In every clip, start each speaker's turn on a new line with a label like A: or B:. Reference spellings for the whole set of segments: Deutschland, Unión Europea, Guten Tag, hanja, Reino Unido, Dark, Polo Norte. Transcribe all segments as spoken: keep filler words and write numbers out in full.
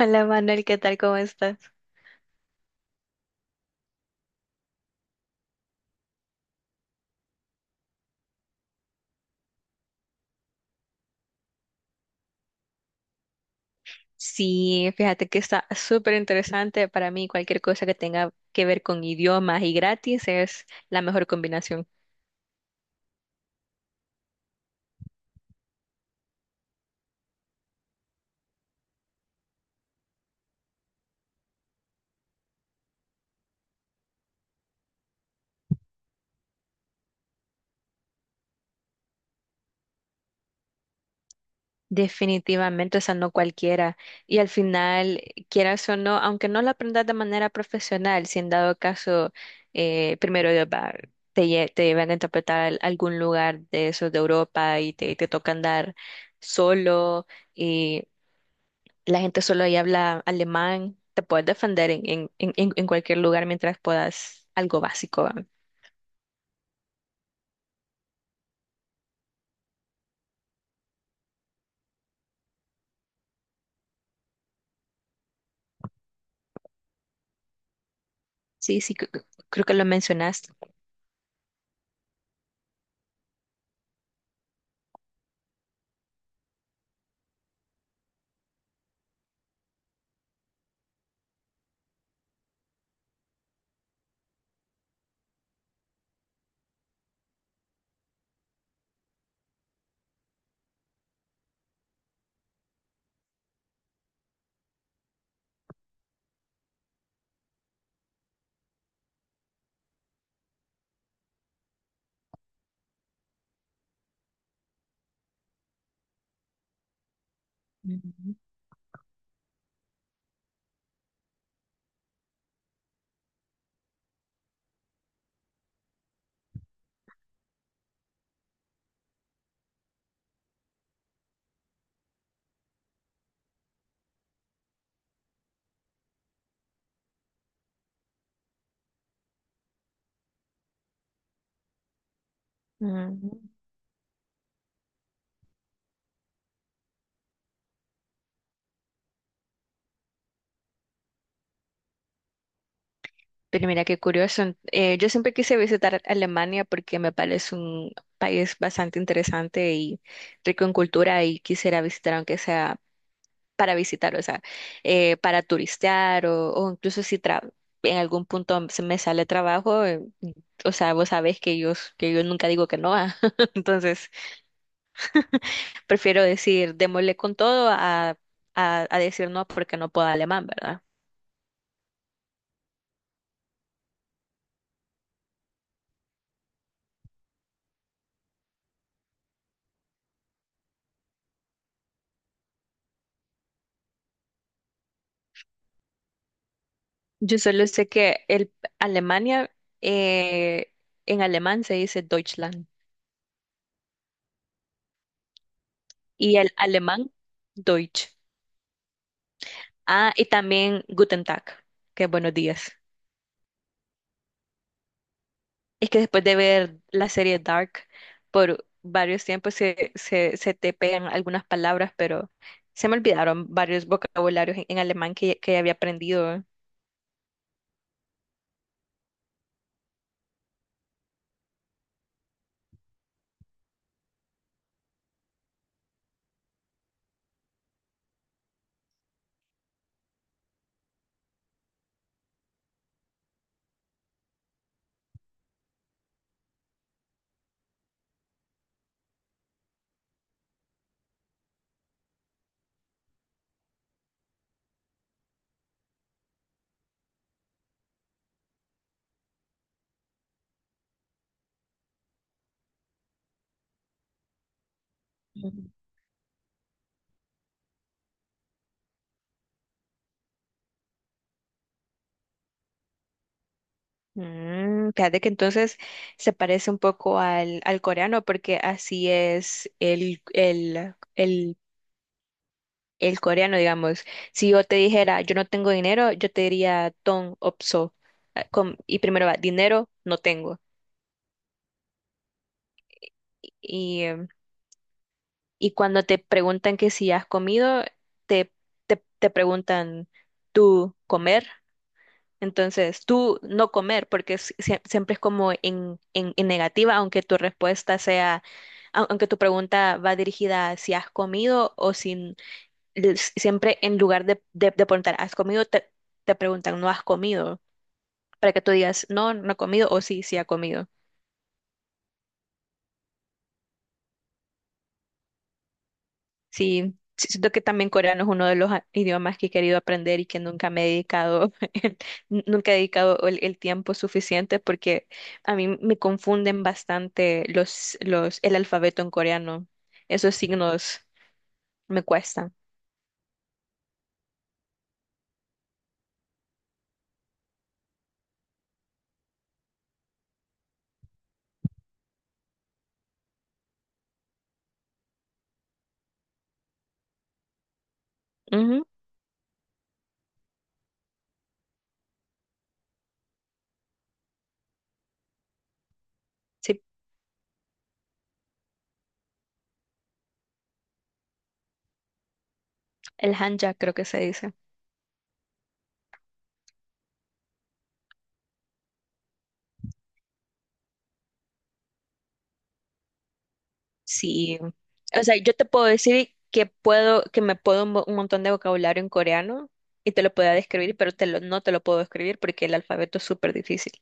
A: Hola Manuel, ¿qué tal? ¿Cómo estás? Sí, fíjate que está súper interesante para mí. Cualquier cosa que tenga que ver con idiomas y gratis es la mejor combinación. Definitivamente, o sea, no cualquiera. Y al final, quieras o no, aunque no lo aprendas de manera profesional, si en dado caso, eh, primero Dios va, te, lle- te llevan a interpretar al- algún lugar de esos de Europa y te, te toca andar solo. La gente solo ahí habla alemán. Te puedes defender en, en, en, en- en cualquier lugar mientras puedas algo básico, ¿va? Sí, sí, cre- cre- creo que lo mencionaste. Ujú. Ujú. Pero mira qué curioso. Eh, yo siempre quise visitar Alemania porque me parece un país bastante interesante y rico en cultura, y quisiera visitar aunque sea para visitar, o sea, eh, para turistear o, o incluso si tra- en algún punto se me sale trabajo, eh, o sea, vos sabés que yo, que yo nunca digo que no, ah. Entonces prefiero decir démosle con todo a, a, a decir no porque no puedo alemán, ¿verdad? Yo solo sé que el Alemania, eh, en alemán se dice Deutschland, y el alemán Deutsch. Ah, y también Guten Tag, que buenos días. Es que después de ver la serie Dark por varios tiempos se, se, se te pegan algunas palabras, pero se me olvidaron varios vocabularios en, en alemán que, que había aprendido. Ujú. Mm, fíjate que entonces se parece un poco al, al coreano, porque así es el, el, el, el coreano, digamos. Si yo te dijera, yo no tengo dinero, yo te diría, ton opso. Ah, con- y primero va, dinero, no tengo. Y cuando te preguntan que si has comido, te, te, te preguntan tú comer. Entonces, tú no comer, porque es- sie- siempre es como en, en, en negativa, aunque tu respuesta sea, au- aunque tu pregunta va dirigida a si has comido o sin, l- siempre en lugar de, de, de preguntar, ¿has comido? Te, te preguntan, ¿no has comido? Para que tú digas, no, no he comido, o sí, sí ha comido. Sí, sí, siento que también coreano es uno de los a- idiomas que he querido aprender y que nunca me he dedicado, el- n- nunca he dedicado el, el tiempo suficiente porque a mí me confunden bastante los, los, el alfabeto en coreano. Esos signos me cuestan. Ujú. Sí, el hanja creo que se dice. Sí. O sea, yo te puedo decir que puedo, que me puedo un, mo- un montón de vocabulario en coreano, y te lo puedo describir, pero te lo, no te lo puedo describir porque el alfabeto es súper difícil.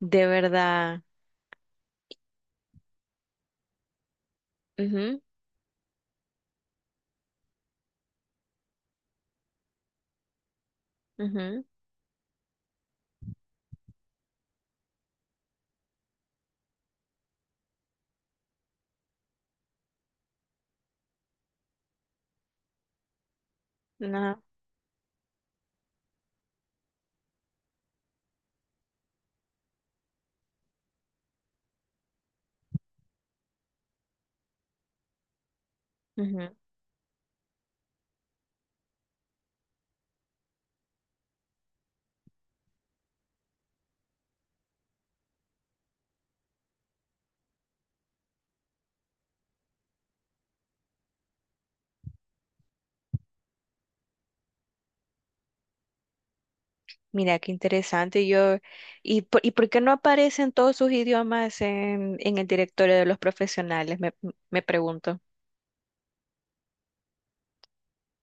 A: De verdad. Ujú, ujú, no, ujú. Mira, qué interesante. Yo, ¿y por, ¿y por qué no aparecen todos sus idiomas en, en el directorio de los profesionales? Me, me pregunto.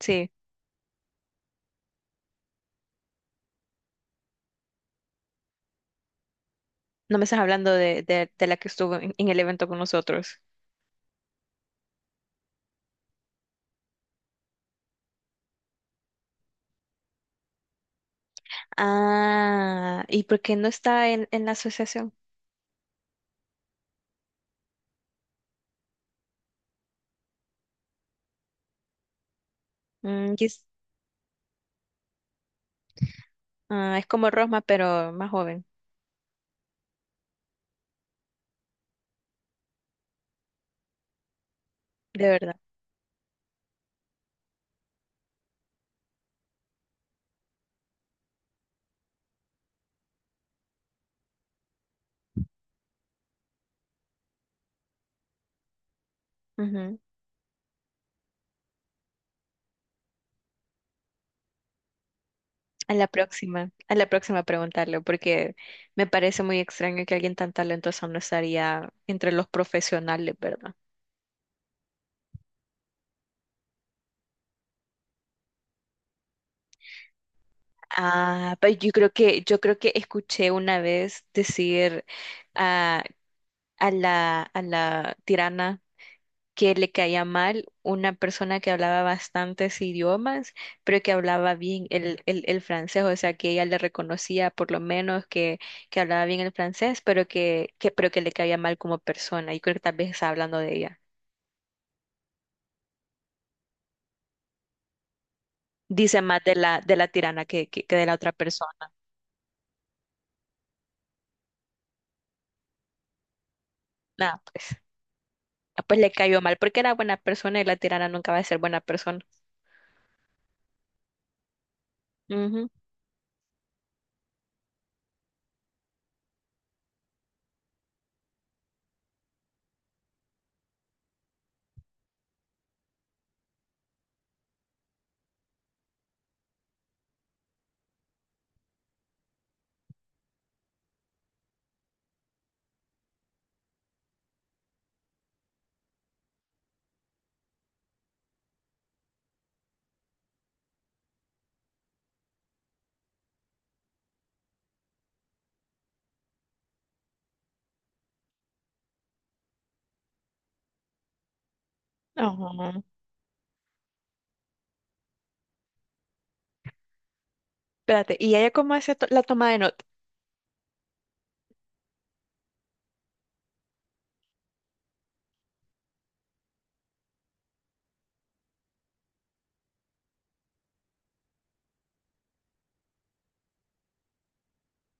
A: Sí, no me estás hablando de, de, de la que estuvo en, en el evento con nosotros. Ah, ¿y por qué no está en, en la asociación? Mm, y es, ah, es como Rosma, pero más joven, de verdad. A la próxima, a la próxima preguntarle, porque me parece muy extraño que alguien tan talentoso no estaría entre los profesionales, ¿verdad? Ah, pues yo creo que, yo creo que escuché una vez decir, ah, a la, a la tirana, que le caía mal una persona que hablaba bastantes idiomas, pero que hablaba bien el, el, el francés, o sea, que ella le reconocía por lo menos que, que hablaba bien el francés, pero que, que, pero que le caía mal como persona. Y creo que tal vez está hablando de ella. Dice más de la, de la tirana que, que, que de la otra persona. Nada, pues, ah, pues le cayó mal porque era buena persona, y la tirana nunca va a ser buena persona. Ujú. Ajá. Espérate, ¿y ella cómo hace to- la toma de nota?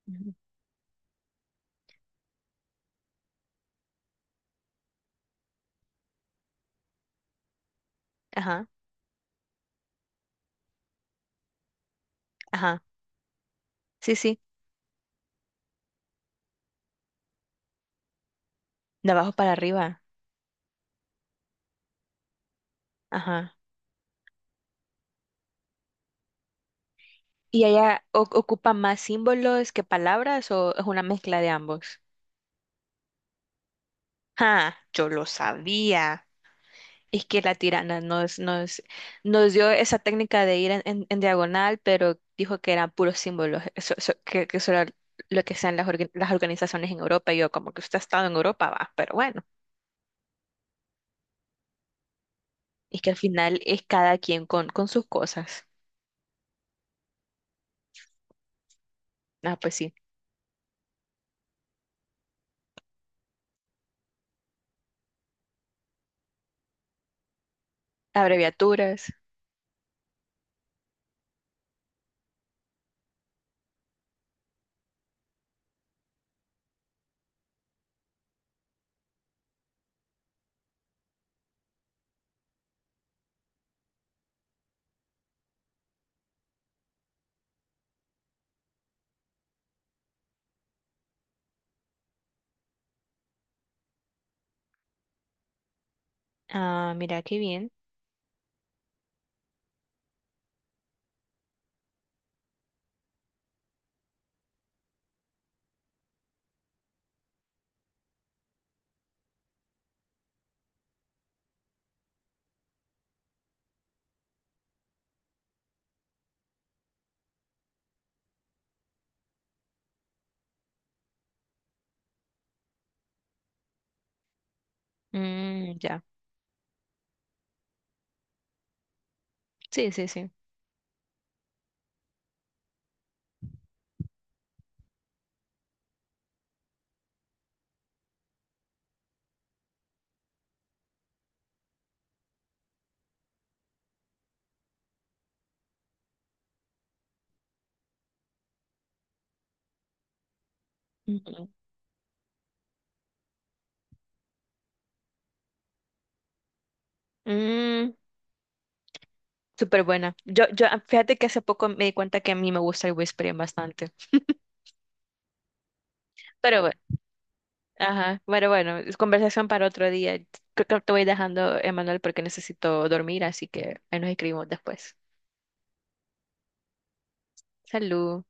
A: Ujú. Ajá, ajá. Sí, sí, de abajo para arriba. Ajá. ¿Y ella o- ocupa más símbolos que palabras, o es una mezcla de ambos? Ah, yo lo sabía. Es que la tirana nos, nos, nos dio esa técnica de ir en, en- en diagonal, pero dijo que eran puros símbolos, eso- eso- que, que eso era lo que sean las, orga- las organizaciones en Europa. Y yo, como que usted ha estado en Europa, va, pero bueno, es que al final es cada quien con, con sus cosas. Ah, pues sí, abreviaturas. Ah, mira, qué bien. Mm, ya, sí, sí, sí. Ujú. Súper buena. Yo, yo, ah, fíjate que hace poco me di cuenta que a mí me gusta el whispering bastante. Pero bueno, ajá, pero bueno, es conversación para otro día. Creo que te voy dejando, Emanuel, porque necesito dormir, así que ahí nos escribimos después. Salud.